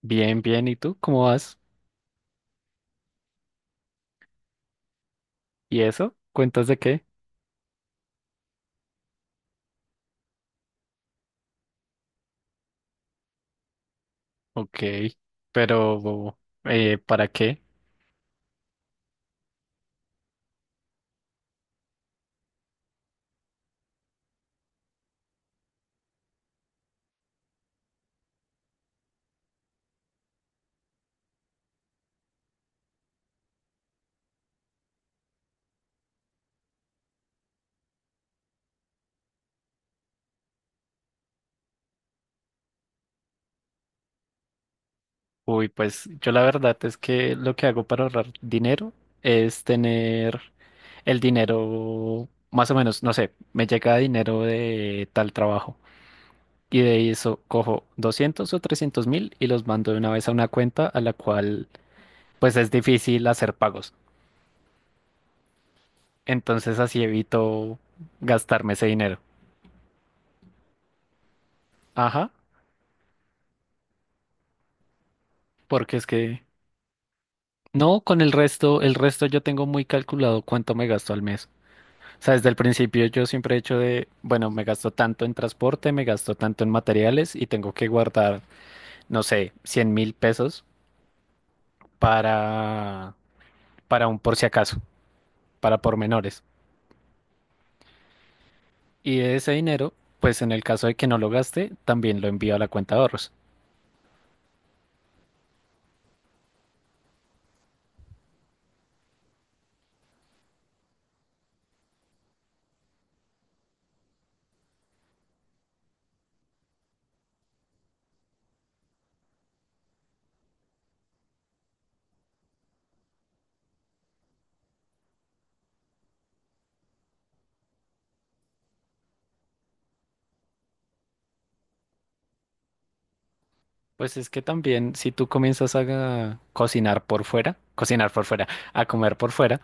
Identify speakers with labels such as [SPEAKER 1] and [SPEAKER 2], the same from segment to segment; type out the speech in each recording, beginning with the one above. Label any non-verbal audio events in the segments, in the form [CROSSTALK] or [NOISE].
[SPEAKER 1] Bien, bien. ¿Y tú cómo vas? ¿Y eso? ¿Cuentas de qué? Ok, pero ¿para qué? Uy, pues yo la verdad es que lo que hago para ahorrar dinero es tener el dinero, más o menos, no sé, me llega dinero de tal trabajo y de eso cojo 200.000 o 300.000 y los mando de una vez a una cuenta a la cual pues es difícil hacer pagos. Entonces así evito gastarme ese dinero. Ajá, porque es que... No, con el resto yo tengo muy calculado cuánto me gasto al mes. O sea, desde el principio yo siempre he hecho de, bueno, me gasto tanto en transporte, me gasto tanto en materiales y tengo que guardar, no sé, 100.000 pesos para, para un por si acaso, para pormenores. Y de ese dinero, pues en el caso de que no lo gaste, también lo envío a la cuenta de ahorros. Pues es que también si tú comienzas a cocinar por fuera, a comer por fuera,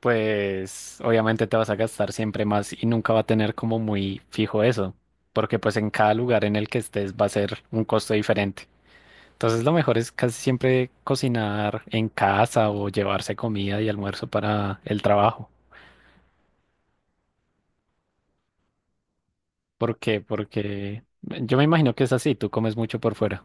[SPEAKER 1] pues obviamente te vas a gastar siempre más y nunca va a tener como muy fijo eso, porque pues en cada lugar en el que estés va a ser un costo diferente. Entonces lo mejor es casi siempre cocinar en casa o llevarse comida y almuerzo para el trabajo. ¿Por qué? Porque yo me imagino que es así, tú comes mucho por fuera.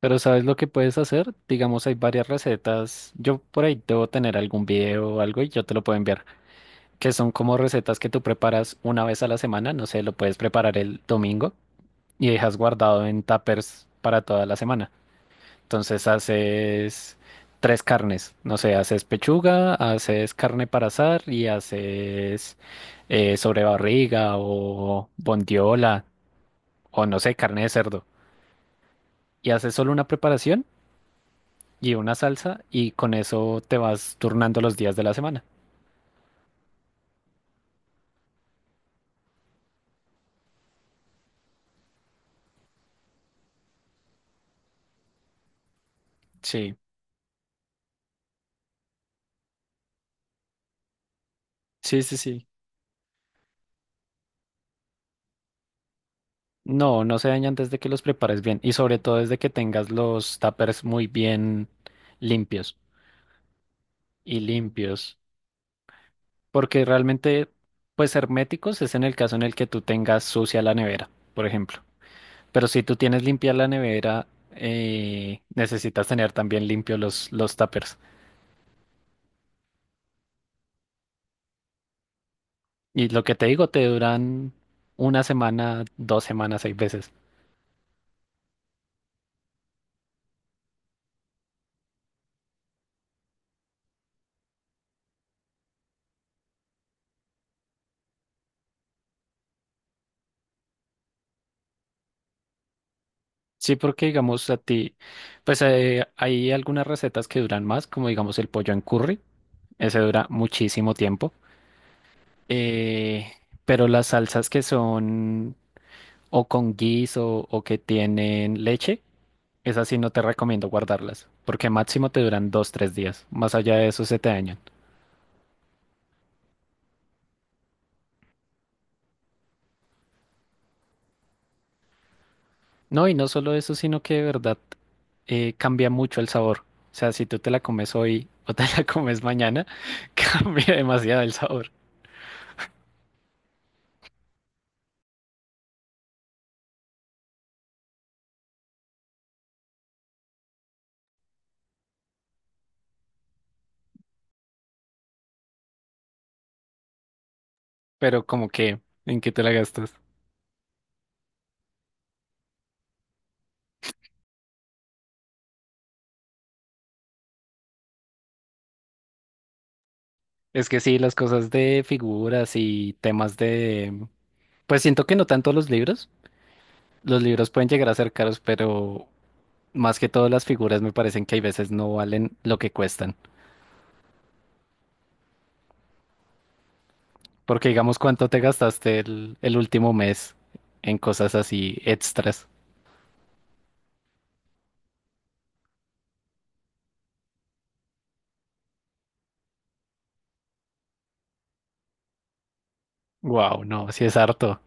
[SPEAKER 1] Pero ¿sabes lo que puedes hacer? Digamos, hay varias recetas. Yo por ahí debo tener algún video o algo y yo te lo puedo enviar que son como recetas que tú preparas una vez a la semana, no sé, lo puedes preparar el domingo y dejas guardado en tuppers para toda la semana. Entonces haces tres carnes, no sé, haces pechuga, haces carne para asar y haces sobrebarriga o bondiola o no sé, carne de cerdo. Y haces solo una preparación y una salsa y con eso te vas turnando los días de la semana. Sí, sí, sí, sí. No, no se daña antes de que los prepares bien y sobre todo desde que tengas los tuppers muy bien limpios y limpios, porque realmente pues herméticos es en el caso en el que tú tengas sucia la nevera, por ejemplo. Pero si tú tienes limpia la nevera, necesitas tener también limpios los tuppers. Y lo que te digo, te duran una semana, 2 semanas, 6 veces. Sí, porque digamos a ti, pues hay algunas recetas que duran más, como digamos el pollo en curry. Ese dura muchísimo tiempo. Eh, pero las salsas que son o con guiso o que tienen leche, esas sí no te recomiendo guardarlas, porque máximo te duran 2, 3 días. Más allá de eso se te dañan. No, y no solo eso, sino que de verdad cambia mucho el sabor. O sea, si tú te la comes hoy o te la [LAUGHS] comes mañana, [LAUGHS] cambia demasiado el sabor. Pero como que, ¿en qué te la gastas? Es que sí, las cosas de figuras y temas de... Pues siento que no tanto los libros. Los libros pueden llegar a ser caros, pero más que todo las figuras me parecen que hay veces no valen lo que cuestan. Porque digamos, ¿cuánto te gastaste el último mes en cosas así extras? Wow, no, sí es harto.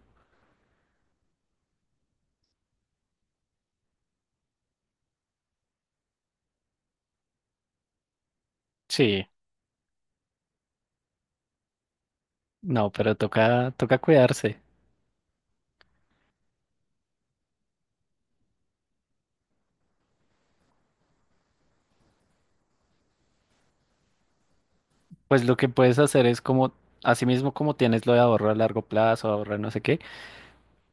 [SPEAKER 1] Sí, no, pero toca cuidarse. Pues lo que puedes hacer es como, así mismo como tienes lo de ahorro a largo plazo, ahorro no sé qué,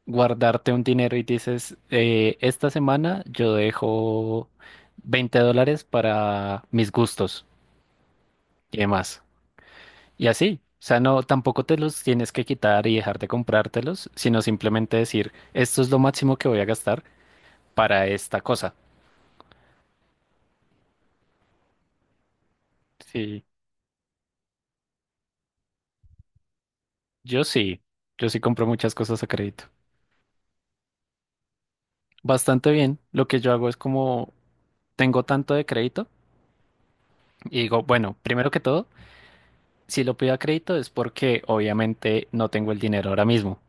[SPEAKER 1] guardarte un dinero y dices, esta semana yo dejo 20 dólares para mis gustos y demás. Y así, o sea, no, tampoco te los tienes que quitar y dejar de comprártelos, sino simplemente decir, esto es lo máximo que voy a gastar para esta cosa. Sí, yo sí, yo sí compro muchas cosas a crédito. Bastante bien, lo que yo hago es como tengo tanto de crédito y digo, bueno, primero que todo, si lo pido a crédito es porque obviamente no tengo el dinero ahora mismo.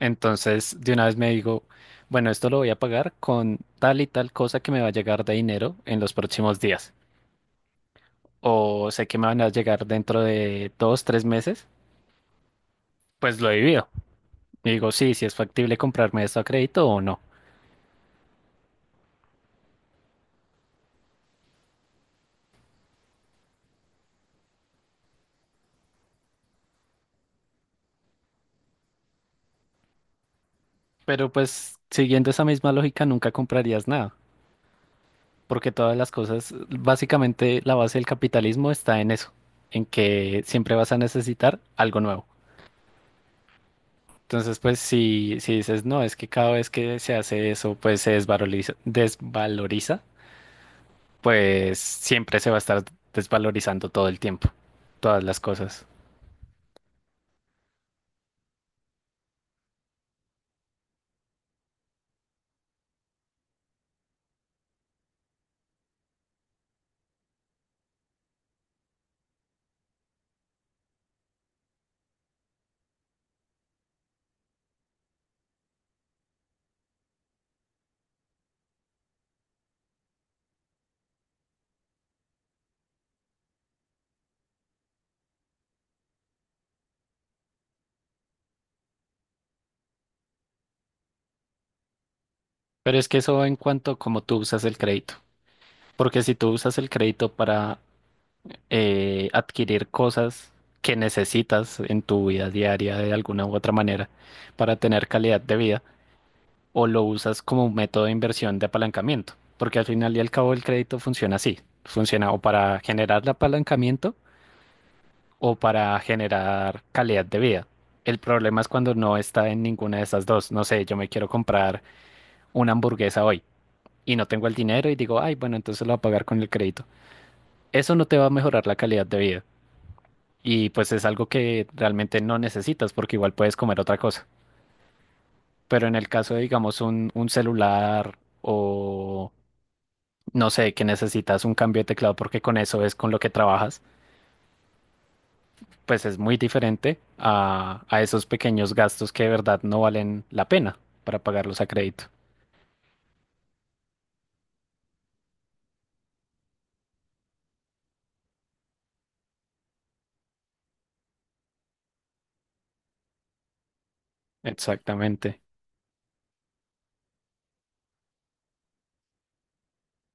[SPEAKER 1] Entonces, de una vez me digo, bueno, esto lo voy a pagar con tal y tal cosa que me va a llegar de dinero en los próximos días. O sé que me van a llegar dentro de 2, 3 meses, pues lo divido. Y digo, sí, si, es factible comprarme esto a crédito o no. Pero pues, siguiendo esa misma lógica, nunca comprarías nada, porque todas las cosas, básicamente la base del capitalismo está en eso, en que siempre vas a necesitar algo nuevo. Entonces, pues si dices, no, es que cada vez que se hace eso, pues se desvaloriza, desvaloriza, pues siempre se va a estar desvalorizando todo el tiempo, todas las cosas. Pero es que eso en cuanto a cómo tú usas el crédito, porque si tú usas el crédito para adquirir cosas que necesitas en tu vida diaria de alguna u otra manera para tener calidad de vida, o lo usas como un método de inversión de apalancamiento, porque al final y al cabo el crédito funciona así, funciona o para generar el apalancamiento o para generar calidad de vida. El problema es cuando no está en ninguna de esas dos. No sé, yo me quiero comprar una hamburguesa hoy y no tengo el dinero y digo, ay, bueno, entonces lo voy a pagar con el crédito. Eso no te va a mejorar la calidad de vida. Y pues es algo que realmente no necesitas porque igual puedes comer otra cosa. Pero en el caso de, digamos, un celular o no sé, que necesitas un cambio de teclado porque con eso es con lo que trabajas, pues es muy diferente a esos pequeños gastos que de verdad no valen la pena para pagarlos a crédito. Exactamente.